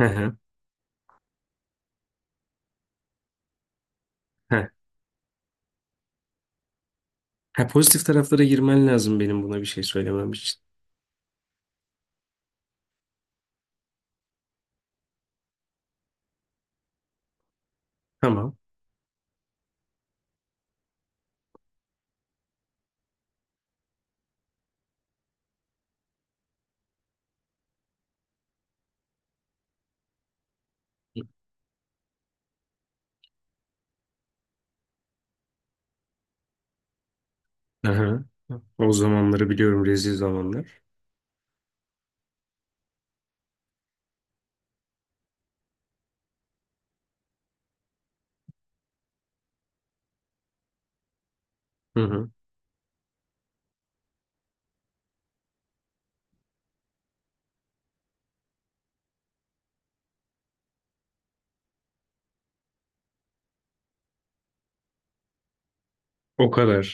Hı hı, hı. Ha, pozitif taraflara girmen lazım benim buna bir şey söylemem için. Tamam. Hı hı. O zamanları biliyorum, rezil zamanlar. Hı hı. O kadar.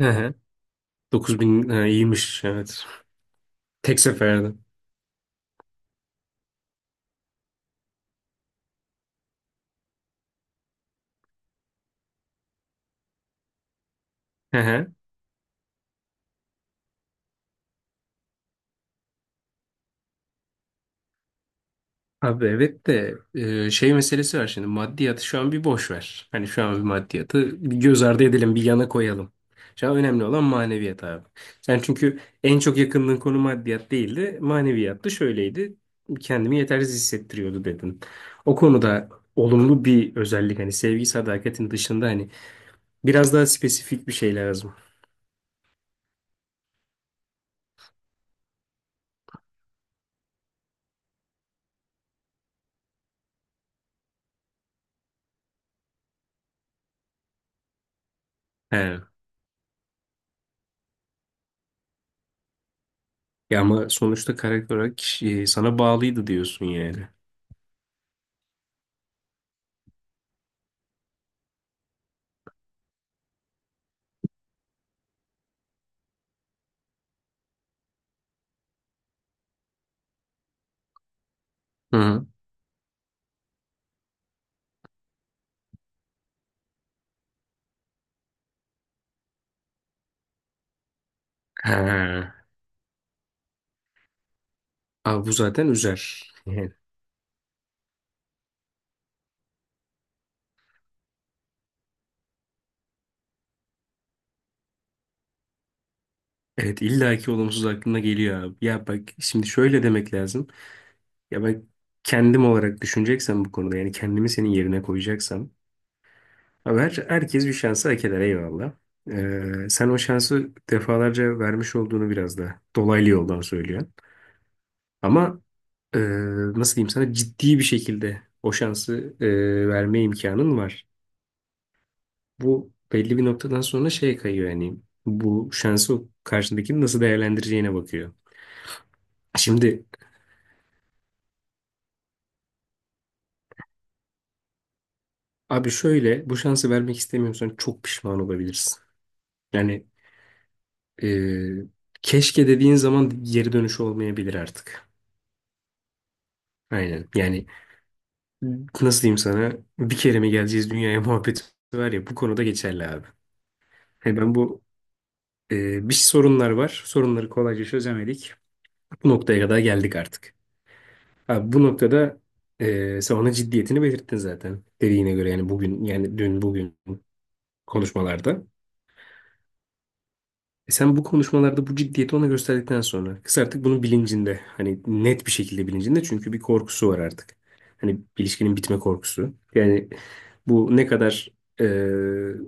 Hı hı. 9.000 ha, iyiymiş evet. Tek seferde. Hı hı. Abi evet de şey meselesi var şimdi, maddiyatı şu an bir boş ver. Hani şu an bir maddiyatı bir göz ardı edelim, bir yana koyalım. Şu an önemli olan maneviyat abi. Sen çünkü en çok yakındığın konu maddiyat değildi. Maneviyattı, şöyleydi. Kendimi yetersiz hissettiriyordu dedin. O konuda olumlu bir özellik, hani sevgi sadakatin dışında hani biraz daha spesifik bir şey lazım. He. Ya ama sonuçta karakter olarak sana bağlıydı diyorsun yani. Hı. He. Abi bu zaten üzer. Evet, illaki olumsuz aklına geliyor abi. Ya bak, şimdi şöyle demek lazım. Ya bak, kendim olarak düşüneceksem bu konuda, yani kendimi senin yerine koyacaksam. Abi her, herkes bir şansı hak eder, eyvallah. Sen o şansı defalarca vermiş olduğunu biraz da dolaylı yoldan söylüyorsun. Ama e, nasıl diyeyim sana, ciddi bir şekilde o şansı verme imkanın var. Bu belli bir noktadan sonra şeye kayıyor, yani bu şansı o karşındakinin nasıl değerlendireceğine bakıyor. Şimdi, abi şöyle, bu şansı vermek istemiyorsan çok pişman olabilirsin. Yani e, keşke dediğin zaman geri dönüşü olmayabilir artık. Aynen. Yani nasıl diyeyim sana, bir kere mi geleceğiz dünyaya muhabbeti var ya, bu konuda geçerli abi. Yani ben bu bir sorunlar var. Sorunları kolayca çözemedik. Bu noktaya kadar geldik artık. Abi bu noktada sen onun ciddiyetini belirttin zaten. Dediğine göre, yani bugün, yani dün bugün konuşmalarda. E sen bu konuşmalarda bu ciddiyeti ona gösterdikten sonra kız artık bunun bilincinde. Hani net bir şekilde bilincinde, çünkü bir korkusu var artık. Hani ilişkinin bitme korkusu. Yani bu ne kadar e,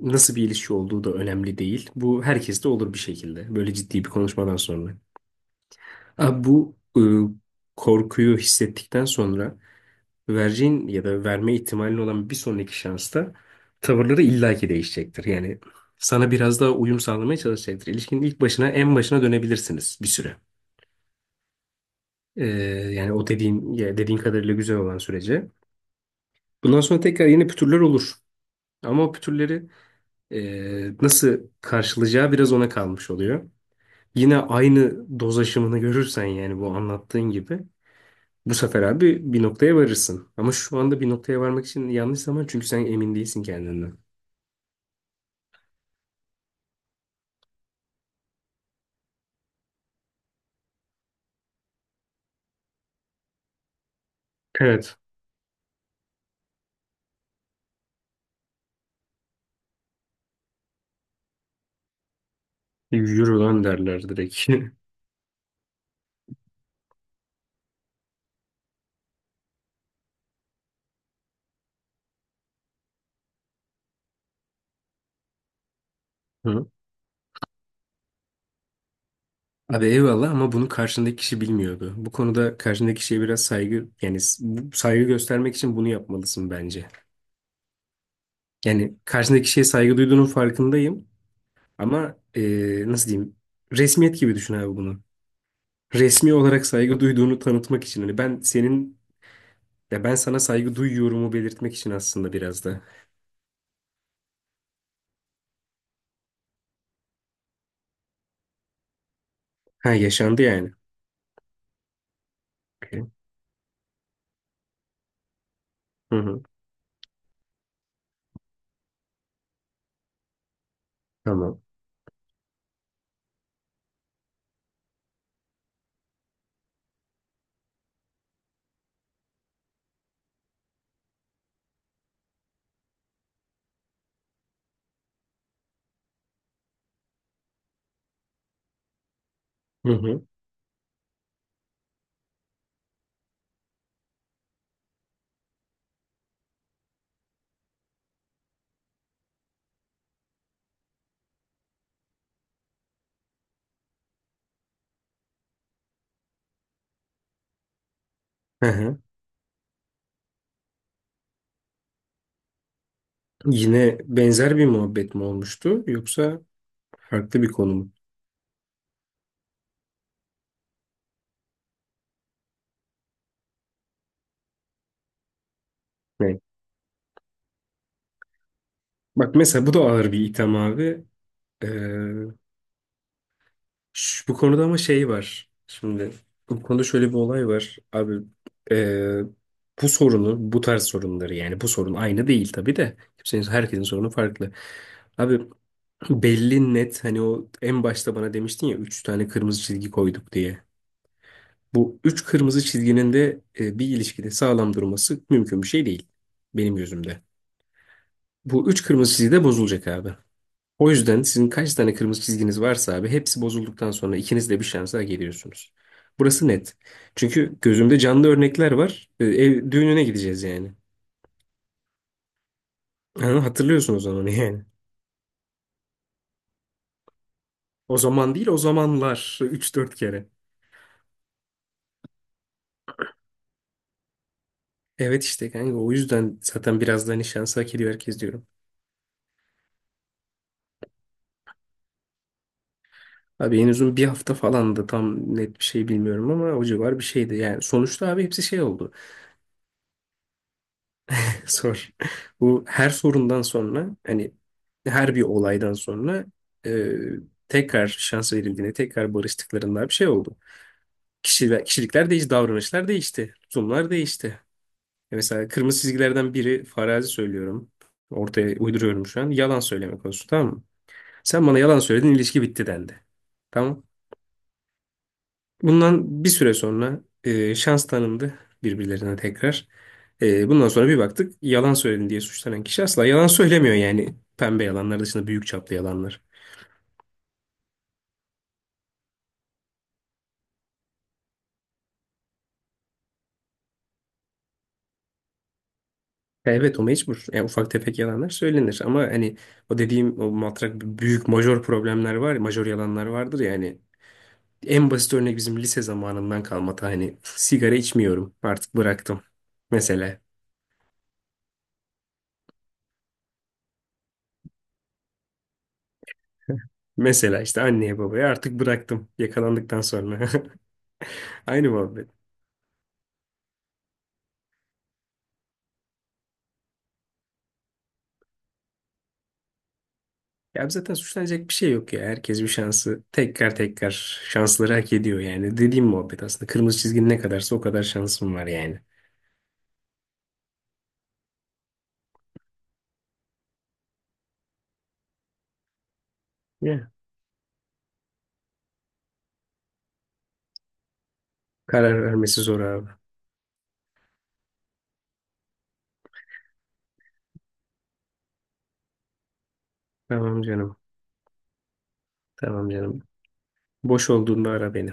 nasıl bir ilişki olduğu da önemli değil. Bu herkeste olur bir şekilde. Böyle ciddi bir konuşmadan sonra. Abi bu korkuyu hissettikten sonra vereceğin ya da verme ihtimalin olan bir sonraki şansta tavırları illaki değişecektir. Yani sana biraz daha uyum sağlamaya çalışacaktır. İlişkinin ilk başına, en başına dönebilirsiniz bir süre. Ee, Yani o dediğin, ya dediğin kadarıyla güzel olan sürece. Bundan sonra tekrar yeni pütürler olur. Ama o pütürleri nasıl karşılayacağı biraz ona kalmış oluyor. Yine aynı doz aşımını görürsen, yani bu anlattığın gibi, bu sefer abi bir noktaya varırsın. Ama şu anda bir noktaya varmak için yanlış zaman, çünkü sen emin değilsin kendinden. Evet. Yürü lan derler direkt. Hı. Abi eyvallah, ama bunu karşındaki kişi bilmiyordu. Bu konuda karşındaki kişiye biraz saygı, yani saygı göstermek için bunu yapmalısın bence. Yani karşındaki kişiye saygı duyduğunun farkındayım, ama nasıl diyeyim, resmiyet gibi düşün abi bunu. Resmi olarak saygı duyduğunu tanıtmak için, hani ben senin, ya ben sana saygı duyuyorumu belirtmek için aslında biraz da. Ha, yaşandı yani. Okey. Hı hı. Tamam. Hı hı. Hı hı. Yine benzer bir muhabbet mi olmuştu yoksa farklı bir konu mu? Ne? Bak mesela, bu da ağır bir item abi. Ee, Bu konuda ama şey var. Şimdi bu konuda şöyle bir olay var. Abi ee, bu sorunu, bu tarz sorunları, yani bu sorun aynı değil tabii de. Kimsenin, herkesin sorunu farklı. Abi belli net, hani o en başta bana demiştin ya üç tane kırmızı çizgi koyduk diye. Bu üç kırmızı çizginin de bir ilişkide sağlam durması mümkün bir şey değil benim gözümde. Bu üç kırmızı çizgi de bozulacak abi. O yüzden sizin kaç tane kırmızı çizginiz varsa abi, hepsi bozulduktan sonra ikiniz de bir şansa geliyorsunuz. Burası net. Çünkü gözümde canlı örnekler var. Ev düğününe gideceğiz yani. Ha, hatırlıyorsun o zaman yani. O zaman değil, o zamanlar üç dört kere. Evet işte kanka, o yüzden zaten biraz da hani şansı hak ediyor herkes diyorum. Abi en uzun bir hafta falan da, tam net bir şey bilmiyorum ama o civar bir şeydi. Yani sonuçta abi hepsi şey oldu. Sor. Bu her sorundan sonra, hani her bir olaydan sonra e, tekrar şans verildiğinde, tekrar barıştıklarında bir şey oldu. Kişiler, kişilikler değişti, davranışlar değişti, tutumlar değişti. E mesela kırmızı çizgilerden biri, farazi söylüyorum. Ortaya uyduruyorum şu an. Yalan söylemek olsun, tamam mı? Sen bana yalan söyledin, ilişki bitti dendi. Tamam. Bundan bir süre sonra şans tanındı birbirlerine tekrar. E, bundan sonra bir baktık, yalan söyledin diye suçlanan kişi asla yalan söylemiyor yani. Pembe yalanlar dışında büyük çaplı yalanlar. Evet, o mecbur. Yani ufak tefek yalanlar söylenir, ama hani o dediğim, o matrak büyük majör problemler var, ya, majör yalanlar vardır yani. En basit örnek bizim lise zamanından kalma ta, hani sigara içmiyorum artık, bıraktım. Mesela, işte anneye babaya artık bıraktım yakalandıktan sonra. Aynı muhabbet. Ya zaten suçlanacak bir şey yok ya. Herkes bir şansı, tekrar tekrar şansları hak ediyor yani. Dediğim muhabbet aslında. Kırmızı çizgin ne kadarsa o kadar şansım var yani. Ya. Karar vermesi zor abi. Tamam canım. Tamam canım. Boş olduğunda ara beni.